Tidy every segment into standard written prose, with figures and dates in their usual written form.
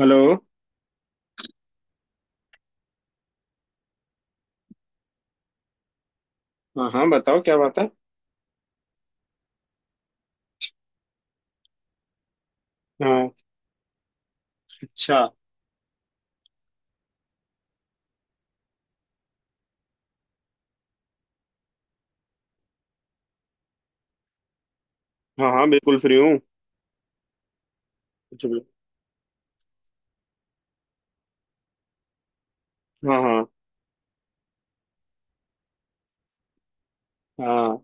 Hello. हाँ हाँ, बताओ क्या बात है। हाँ। अच्छा। हाँ हाँ, बिल्कुल फ्री हूँ। कुछ भी। हाँ। हाँ। हाँ।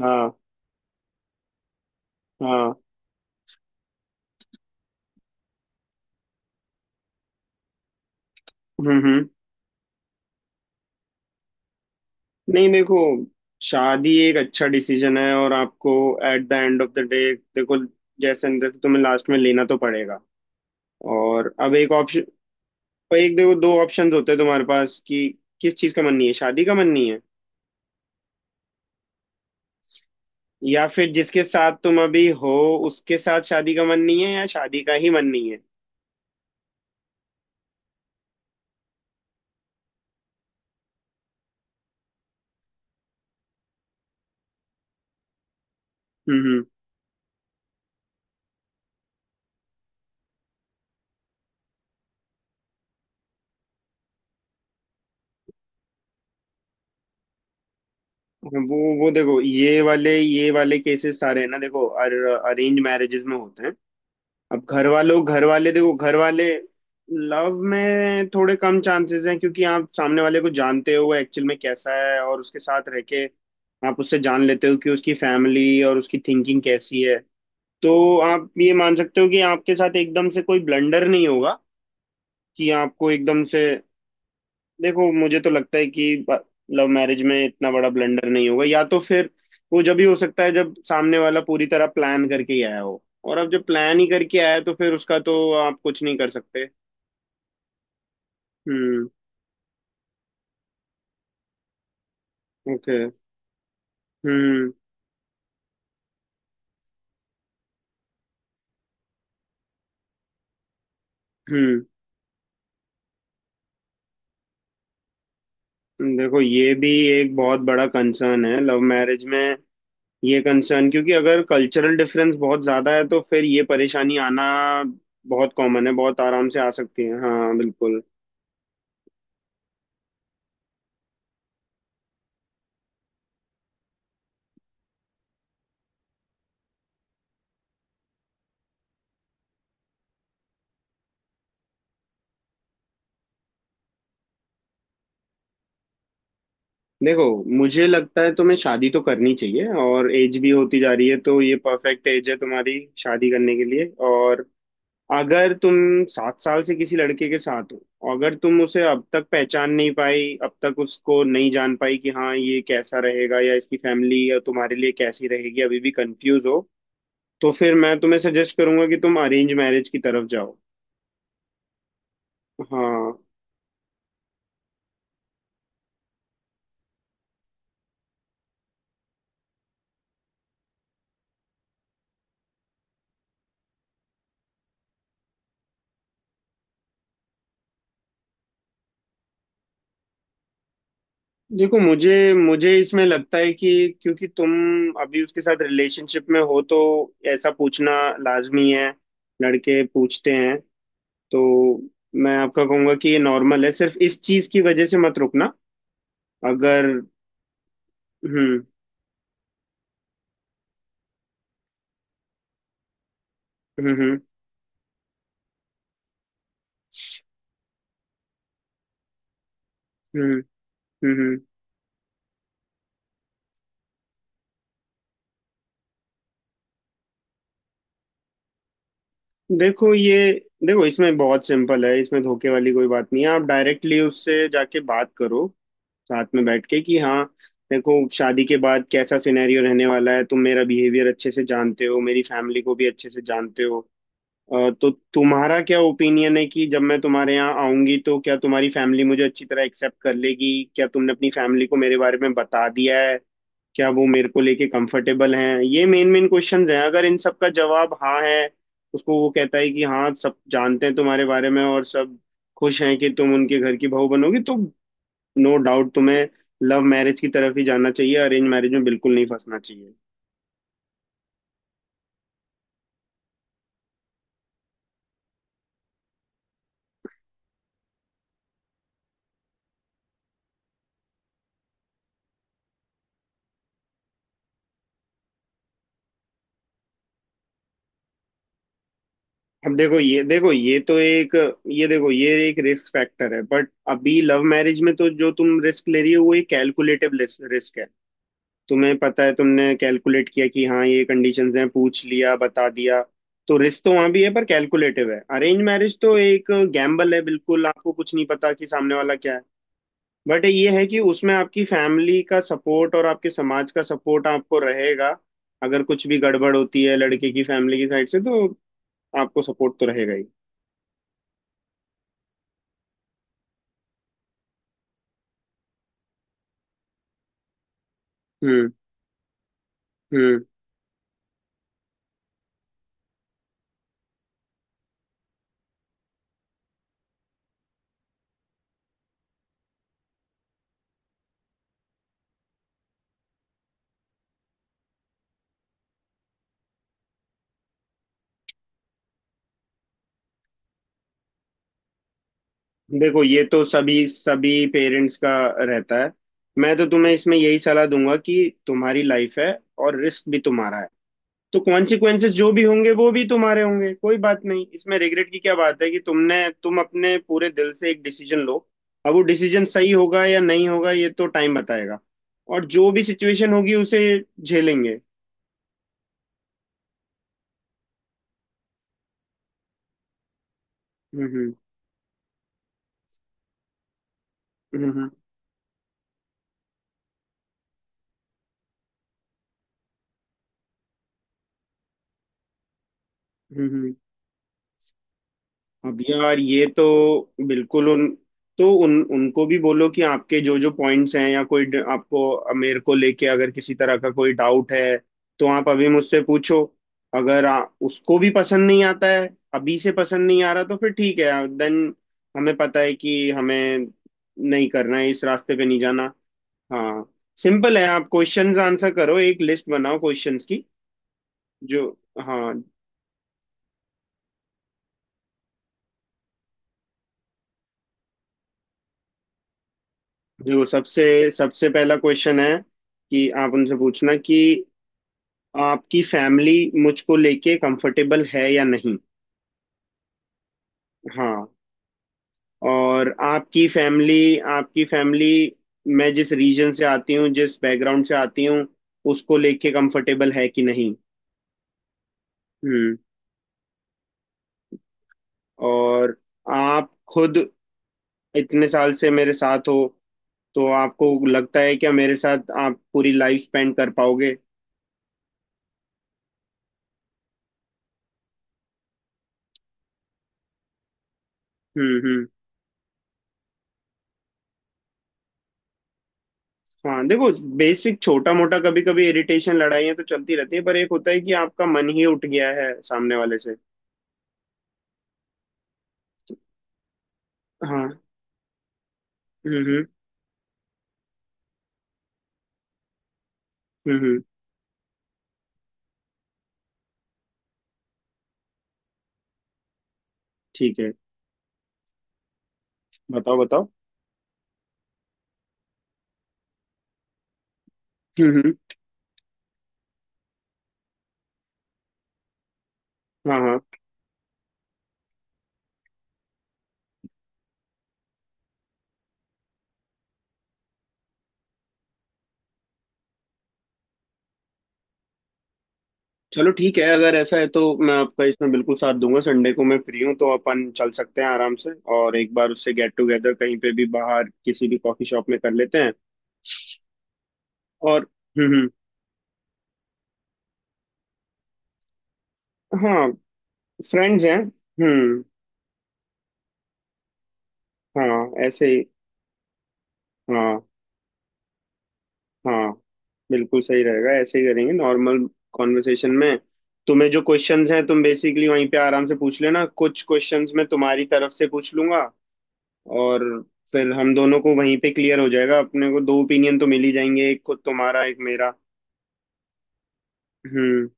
हाँ। हाँ। हम्म हम्म नहीं, देखो, शादी एक अच्छा डिसीजन है, और आपको at the end of the day देखो, जैसे न तैसे तुम्हें लास्ट में लेना तो पड़ेगा। और अब एक ऑप्शन, एक देखो, दो ऑप्शंस होते हैं तुम्हारे पास कि किस चीज़ का मन नहीं है? शादी का मन नहीं है, या फिर जिसके साथ तुम अभी हो उसके साथ शादी का मन नहीं है, या शादी का ही मन नहीं है? हम्म हम्म। वो देखो, ये वाले केसेस सारे हैं ना, देखो, अरेंज मैरिजेस में होते हैं। अब घर वाले देखो, घर वाले लव में थोड़े कम चांसेस हैं क्योंकि आप सामने वाले को जानते हो वो एक्चुअल में कैसा है, और उसके साथ रह के आप उससे जान लेते हो कि उसकी फैमिली और उसकी थिंकिंग कैसी है। तो आप ये मान सकते हो कि आपके साथ एकदम से कोई ब्लंडर नहीं होगा कि आपको एकदम से। देखो, मुझे तो लगता है कि लव मैरिज में इतना बड़ा ब्लंडर नहीं होगा, या तो फिर वो जब ही हो सकता है जब सामने वाला पूरी तरह प्लान करके ही आया हो। और अब जब प्लान ही करके आया है, तो फिर उसका तो आप कुछ नहीं कर सकते। हम्म। ओके। हम्म हम्म। देखो, ये भी एक बहुत बड़ा कंसर्न है लव मैरिज में, ये कंसर्न, क्योंकि अगर कल्चरल डिफरेंस बहुत ज्यादा है तो फिर ये परेशानी आना बहुत कॉमन है, बहुत आराम से आ सकती है। हाँ, बिल्कुल। देखो, मुझे लगता है तुम्हें शादी तो करनी चाहिए, और एज भी होती जा रही है, तो ये परफेक्ट एज है तुम्हारी शादी करने के लिए। और अगर तुम 7 साल से किसी लड़के के साथ हो, अगर तुम उसे अब तक पहचान नहीं पाई, अब तक उसको नहीं जान पाई कि हाँ ये कैसा रहेगा या इसकी फैमिली या तुम्हारे लिए कैसी रहेगी, अभी भी कंफ्यूज हो, तो फिर मैं तुम्हें सजेस्ट करूंगा कि तुम अरेंज मैरिज की तरफ जाओ। हाँ। देखो, मुझे मुझे इसमें लगता है कि क्योंकि तुम अभी उसके साथ रिलेशनशिप में हो तो ऐसा पूछना लाजमी है, लड़के पूछते हैं। तो मैं आपका कहूंगा कि ये नॉर्मल है, सिर्फ इस चीज की वजह से मत रुकना अगर। हम्म हम्म हम्म हम्म हम्म हम्म। देखो ये देखो इसमें बहुत सिंपल है, इसमें धोखे वाली कोई बात नहीं है, आप डायरेक्टली उससे जाके बात करो, साथ में बैठ के कि हाँ देखो शादी के बाद कैसा सिनेरियो रहने वाला है, तुम मेरा बिहेवियर अच्छे से जानते हो, मेरी फैमिली को भी अच्छे से जानते हो, तो तुम्हारा क्या ओपिनियन है कि जब मैं तुम्हारे यहाँ आऊंगी तो क्या तुम्हारी फैमिली मुझे अच्छी तरह एक्सेप्ट कर लेगी, क्या तुमने अपनी फैमिली को मेरे बारे में बता दिया है, क्या वो मेरे को लेके कंफर्टेबल हैं। ये मेन मेन क्वेश्चंस हैं। अगर इन सब का जवाब हाँ है, उसको वो कहता है कि हाँ सब जानते हैं तुम्हारे बारे में और सब खुश हैं कि तुम उनके घर की बहू बनोगी, तो नो डाउट तुम्हें लव मैरिज की तरफ ही जाना चाहिए, अरेंज मैरिज में बिल्कुल नहीं फंसना चाहिए। अब देखो, ये देखो ये तो एक ये देखो ये एक रिस्क फैक्टर है, बट अभी लव मैरिज में तो जो तुम रिस्क ले रही हो वो एक कैलकुलेटिव रिस्क है। तुम्हें पता है, तुमने कैलकुलेट किया कि हाँ ये कंडीशंस हैं, पूछ लिया बता दिया। तो रिस्क तो वहां भी है, पर कैलकुलेटिव है। अरेंज मैरिज तो एक गैम्बल है बिल्कुल, आपको कुछ नहीं पता कि सामने वाला क्या है। बट ये है कि उसमें आपकी फैमिली का सपोर्ट और आपके समाज का सपोर्ट आपको रहेगा। अगर कुछ भी गड़बड़ होती है लड़के की फैमिली की साइड से, तो आपको सपोर्ट तो रहेगा ही। हम्म। हम्म। देखो ये तो सभी सभी पेरेंट्स का रहता है। मैं तो तुम्हें इसमें यही सलाह दूंगा कि तुम्हारी लाइफ है, और रिस्क भी तुम्हारा है, तो कॉन्सिक्वेंसेस जो भी होंगे वो भी तुम्हारे होंगे। कोई बात नहीं, इसमें रिग्रेट की क्या बात है कि तुमने, तुम अपने पूरे दिल से एक डिसीजन लो। अब वो डिसीजन सही होगा या नहीं होगा ये तो टाइम बताएगा, और जो भी सिचुएशन होगी उसे झेलेंगे। हम्म हम्म हम्म हम्म हम्म, हम्म। अब यार ये तो बिल्कुल उन, तो उन उनको भी बोलो कि आपके जो जो पॉइंट्स हैं या कोई आपको मेरे को लेके अगर किसी तरह का कोई डाउट है तो आप अभी मुझसे पूछो। अगर उसको भी पसंद नहीं आता है, अभी से पसंद नहीं आ रहा, तो फिर ठीक है, देन हमें पता है कि हमें नहीं करना है, इस रास्ते पे नहीं जाना। हाँ। सिंपल है, आप क्वेश्चंस आंसर करो, एक लिस्ट बनाओ क्वेश्चंस की, जो। हाँ। देखो सबसे सबसे पहला क्वेश्चन है कि आप उनसे पूछना कि आपकी फैमिली मुझको लेके कंफर्टेबल है या नहीं। हाँ। और आपकी फैमिली, मैं जिस रीजन से आती हूँ, जिस बैकग्राउंड से आती हूँ, उसको लेके कंफर्टेबल है कि नहीं। हम्म। और आप खुद इतने साल से मेरे साथ हो, तो आपको लगता है क्या मेरे साथ आप पूरी लाइफ स्पेंड कर पाओगे? हम्म हम्म, हाँ देखो, बेसिक छोटा मोटा कभी कभी इरिटेशन, लड़ाइयाँ तो चलती रहती है, पर एक होता है कि आपका मन ही उठ गया है सामने वाले से। हाँ। हम्म हम्म हम्म हम्म, ठीक है, बताओ बताओ। हम्म हम्म हाँ हाँ, चलो ठीक है, अगर ऐसा है तो मैं आपका इसमें बिल्कुल साथ दूंगा। संडे को मैं फ्री हूँ, तो अपन चल सकते हैं आराम से। और एक बार उससे गेट टुगेदर कहीं पे भी बाहर किसी भी कॉफी शॉप में कर लेते हैं। और हम्म। हम्म। हाँ, फ्रेंड्स हैं। हम्म। हाँ, ऐसे ही। हाँ। हाँ, बिल्कुल सही रहेगा, ऐसे ही करेंगे नॉर्मल कॉन्वर्सेशन में। तुम्हें जो क्वेश्चंस हैं तुम बेसिकली वहीं पे आराम से पूछ लेना, कुछ क्वेश्चंस मैं तुम्हारी तरफ से पूछ लूंगा। और फिर हम दोनों को वहीं पे क्लियर हो जाएगा, अपने को दो ओपिनियन तो मिल ही जाएंगे, एक को तुम्हारा एक मेरा। हम्म।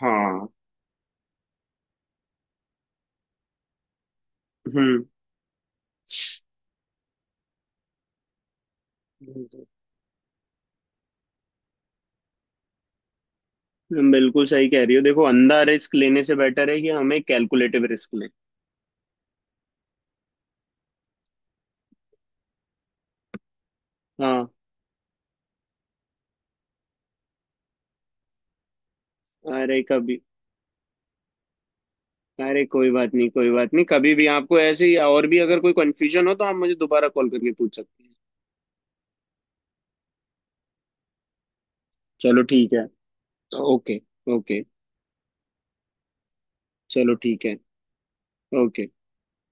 हाँ। हम्म। बिल्कुल सही कह रही हो, देखो अंधा रिस्क लेने से बेटर है कि हम एक कैलकुलेटिव रिस्क लें। हाँ। अरे कभी। अरे कोई बात नहीं, कोई बात नहीं, कभी भी आपको ऐसे ही और भी अगर कोई कंफ्यूजन हो तो आप मुझे दोबारा कॉल करके पूछ सकते हैं। चलो ठीक है, तो ओके। ओके, चलो ठीक है। ओके।